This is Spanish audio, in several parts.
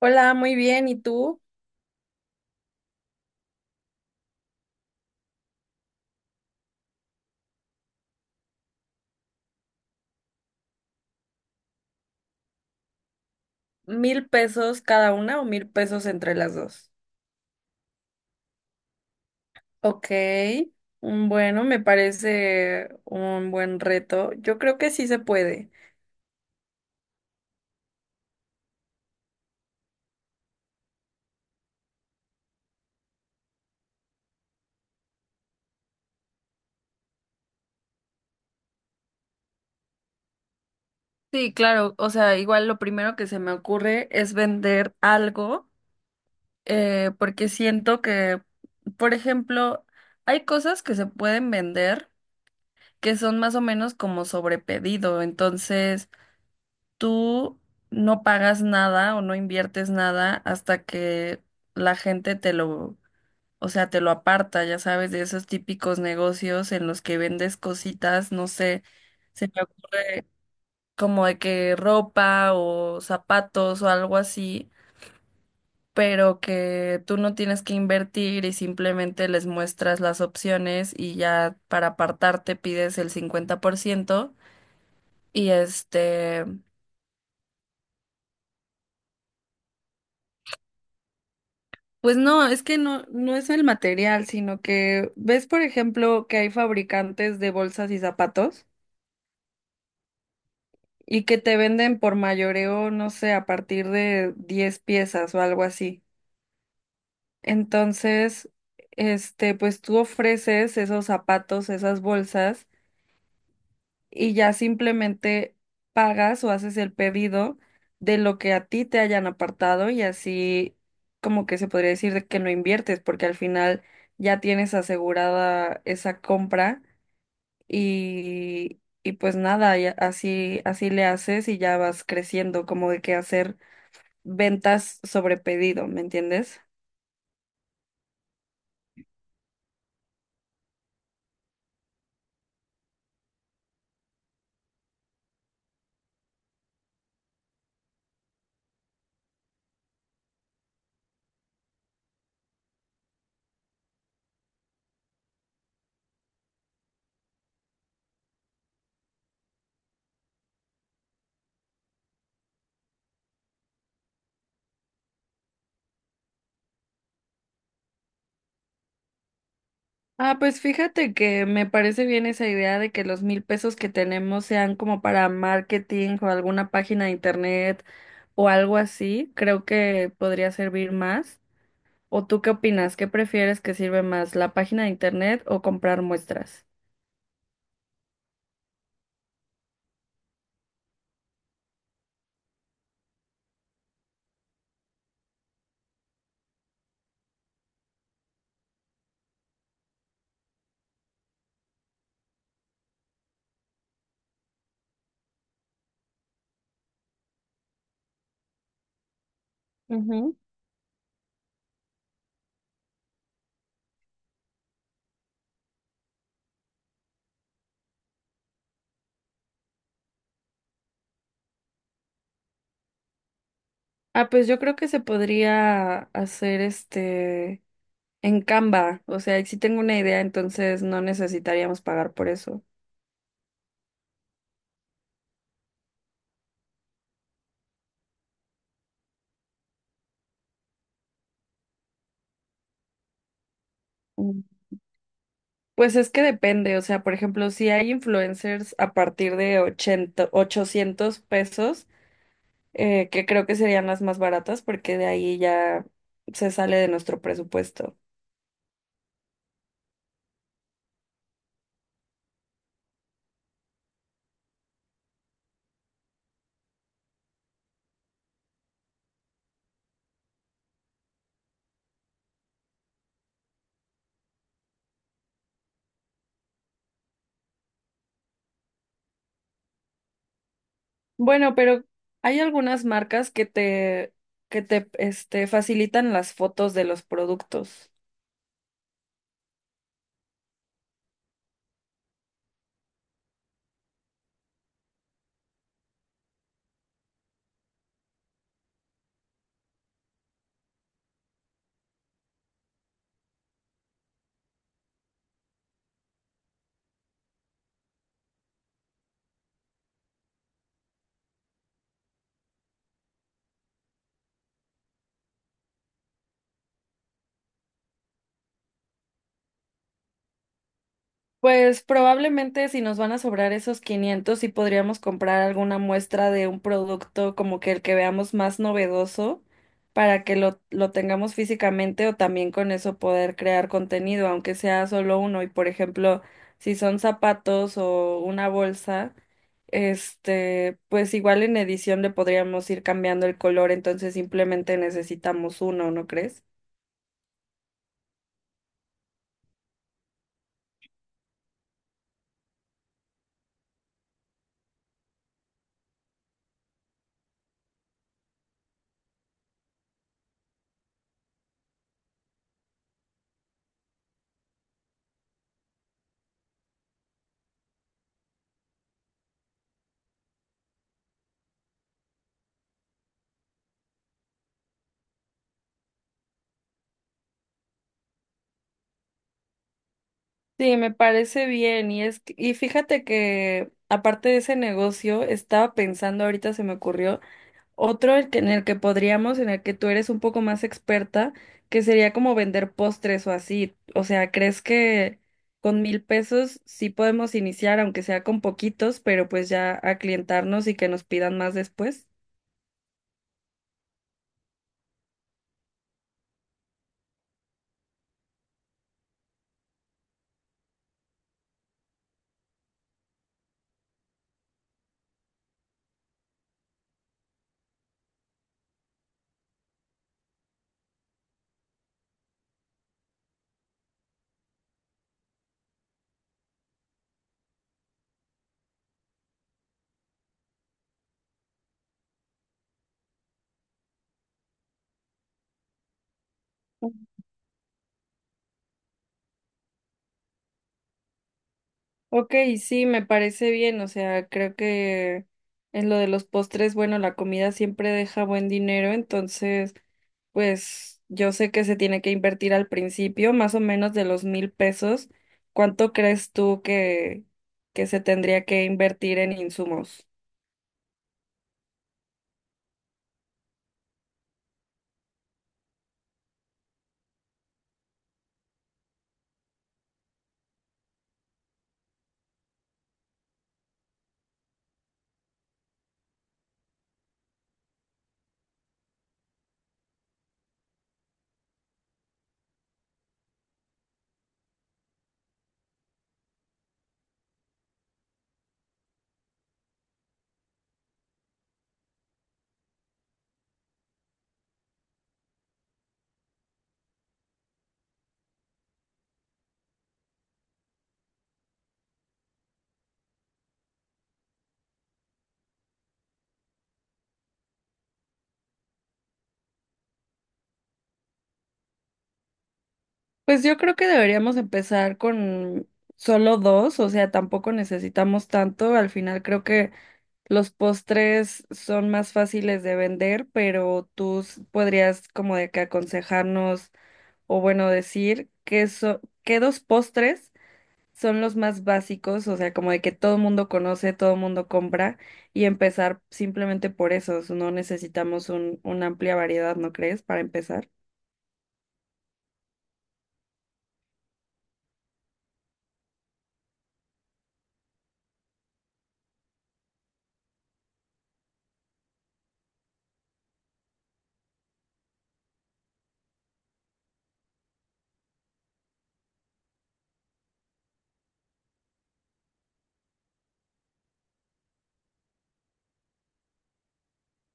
Hola, muy bien. ¿Y tú? ¿Mil pesos cada una o mil pesos entre las dos? Ok. Bueno, me parece un buen reto. Yo creo que sí se puede. Sí, claro. O sea, igual lo primero que se me ocurre es vender algo, porque siento que, por ejemplo, hay cosas que se pueden vender que son más o menos como sobrepedido. Entonces tú no pagas nada o no inviertes nada hasta que la gente te lo, o sea, te lo aparta, ya sabes, de esos típicos negocios en los que vendes cositas, no sé, se me ocurre como de que ropa o zapatos o algo así, pero que tú no tienes que invertir y simplemente les muestras las opciones y ya para apartarte pides el 50% y este... Pues no, es que no es el material, sino que ves, por ejemplo, que hay fabricantes de bolsas y zapatos y que te venden por mayoreo, no sé, a partir de 10 piezas o algo así. Entonces, este, pues tú ofreces esos zapatos, esas bolsas y ya simplemente pagas o haces el pedido de lo que a ti te hayan apartado y así como que se podría decir de que no inviertes porque al final ya tienes asegurada esa compra y pues nada, y así, así le haces y ya vas creciendo como de que hacer ventas sobre pedido, ¿me entiendes? Ah, pues fíjate que me parece bien esa idea de que los mil pesos que tenemos sean como para marketing o alguna página de internet o algo así. Creo que podría servir más. ¿O tú qué opinas? ¿Qué prefieres que sirve más, la página de internet o comprar muestras? Ujú. Ah, pues yo creo que se podría hacer este en Canva. O sea, si tengo una idea, entonces no necesitaríamos pagar por eso. Pues es que depende, o sea, por ejemplo, si hay influencers a partir de 80, 800 pesos, que creo que serían las más baratas porque de ahí ya se sale de nuestro presupuesto. Bueno, pero hay algunas marcas que te, facilitan las fotos de los productos. Pues probablemente si nos van a sobrar esos 500, sí podríamos comprar alguna muestra de un producto como que el que veamos más novedoso para que lo tengamos físicamente o también con eso poder crear contenido, aunque sea solo uno. Y por ejemplo, si son zapatos o una bolsa, este, pues igual en edición le podríamos ir cambiando el color, entonces simplemente necesitamos uno, ¿no crees? Sí, me parece bien y fíjate que aparte de ese negocio estaba pensando ahorita se me ocurrió en el que podríamos, en el que tú eres un poco más experta, que sería como vender postres o así, o sea, ¿crees que con mil pesos sí podemos iniciar aunque sea con poquitos pero pues ya a clientarnos y que nos pidan más después? Ok, sí, me parece bien, o sea, creo que en lo de los postres, bueno, la comida siempre deja buen dinero, entonces, pues yo sé que se tiene que invertir al principio, más o menos de los mil pesos. ¿Cuánto crees tú que se tendría que invertir en insumos? Pues yo creo que deberíamos empezar con solo dos, o sea, tampoco necesitamos tanto, al final creo que los postres son más fáciles de vender, pero podrías como de que aconsejarnos o bueno decir que qué dos postres son los más básicos, o sea, como de que todo el mundo conoce, todo el mundo compra y empezar simplemente por esos. No necesitamos una amplia variedad, ¿no crees? Para empezar.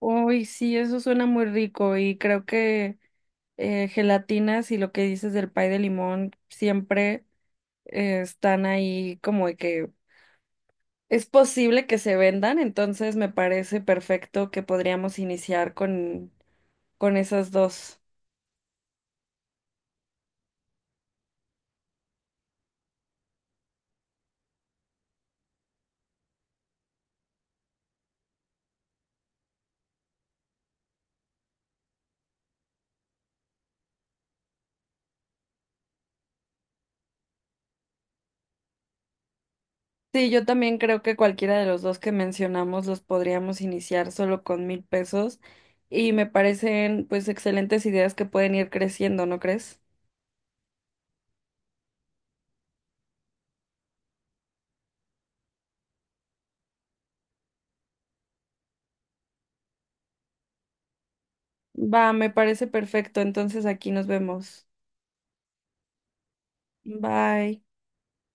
Uy, sí, eso suena muy rico y creo que gelatinas y lo que dices del pay de limón siempre están ahí como de que es posible que se vendan, entonces me parece perfecto que podríamos iniciar con esas dos. Sí, yo también creo que cualquiera de los dos que mencionamos los podríamos iniciar solo con mil pesos y me parecen pues excelentes ideas que pueden ir creciendo, ¿no crees? Va, me parece perfecto, entonces aquí nos vemos. Bye.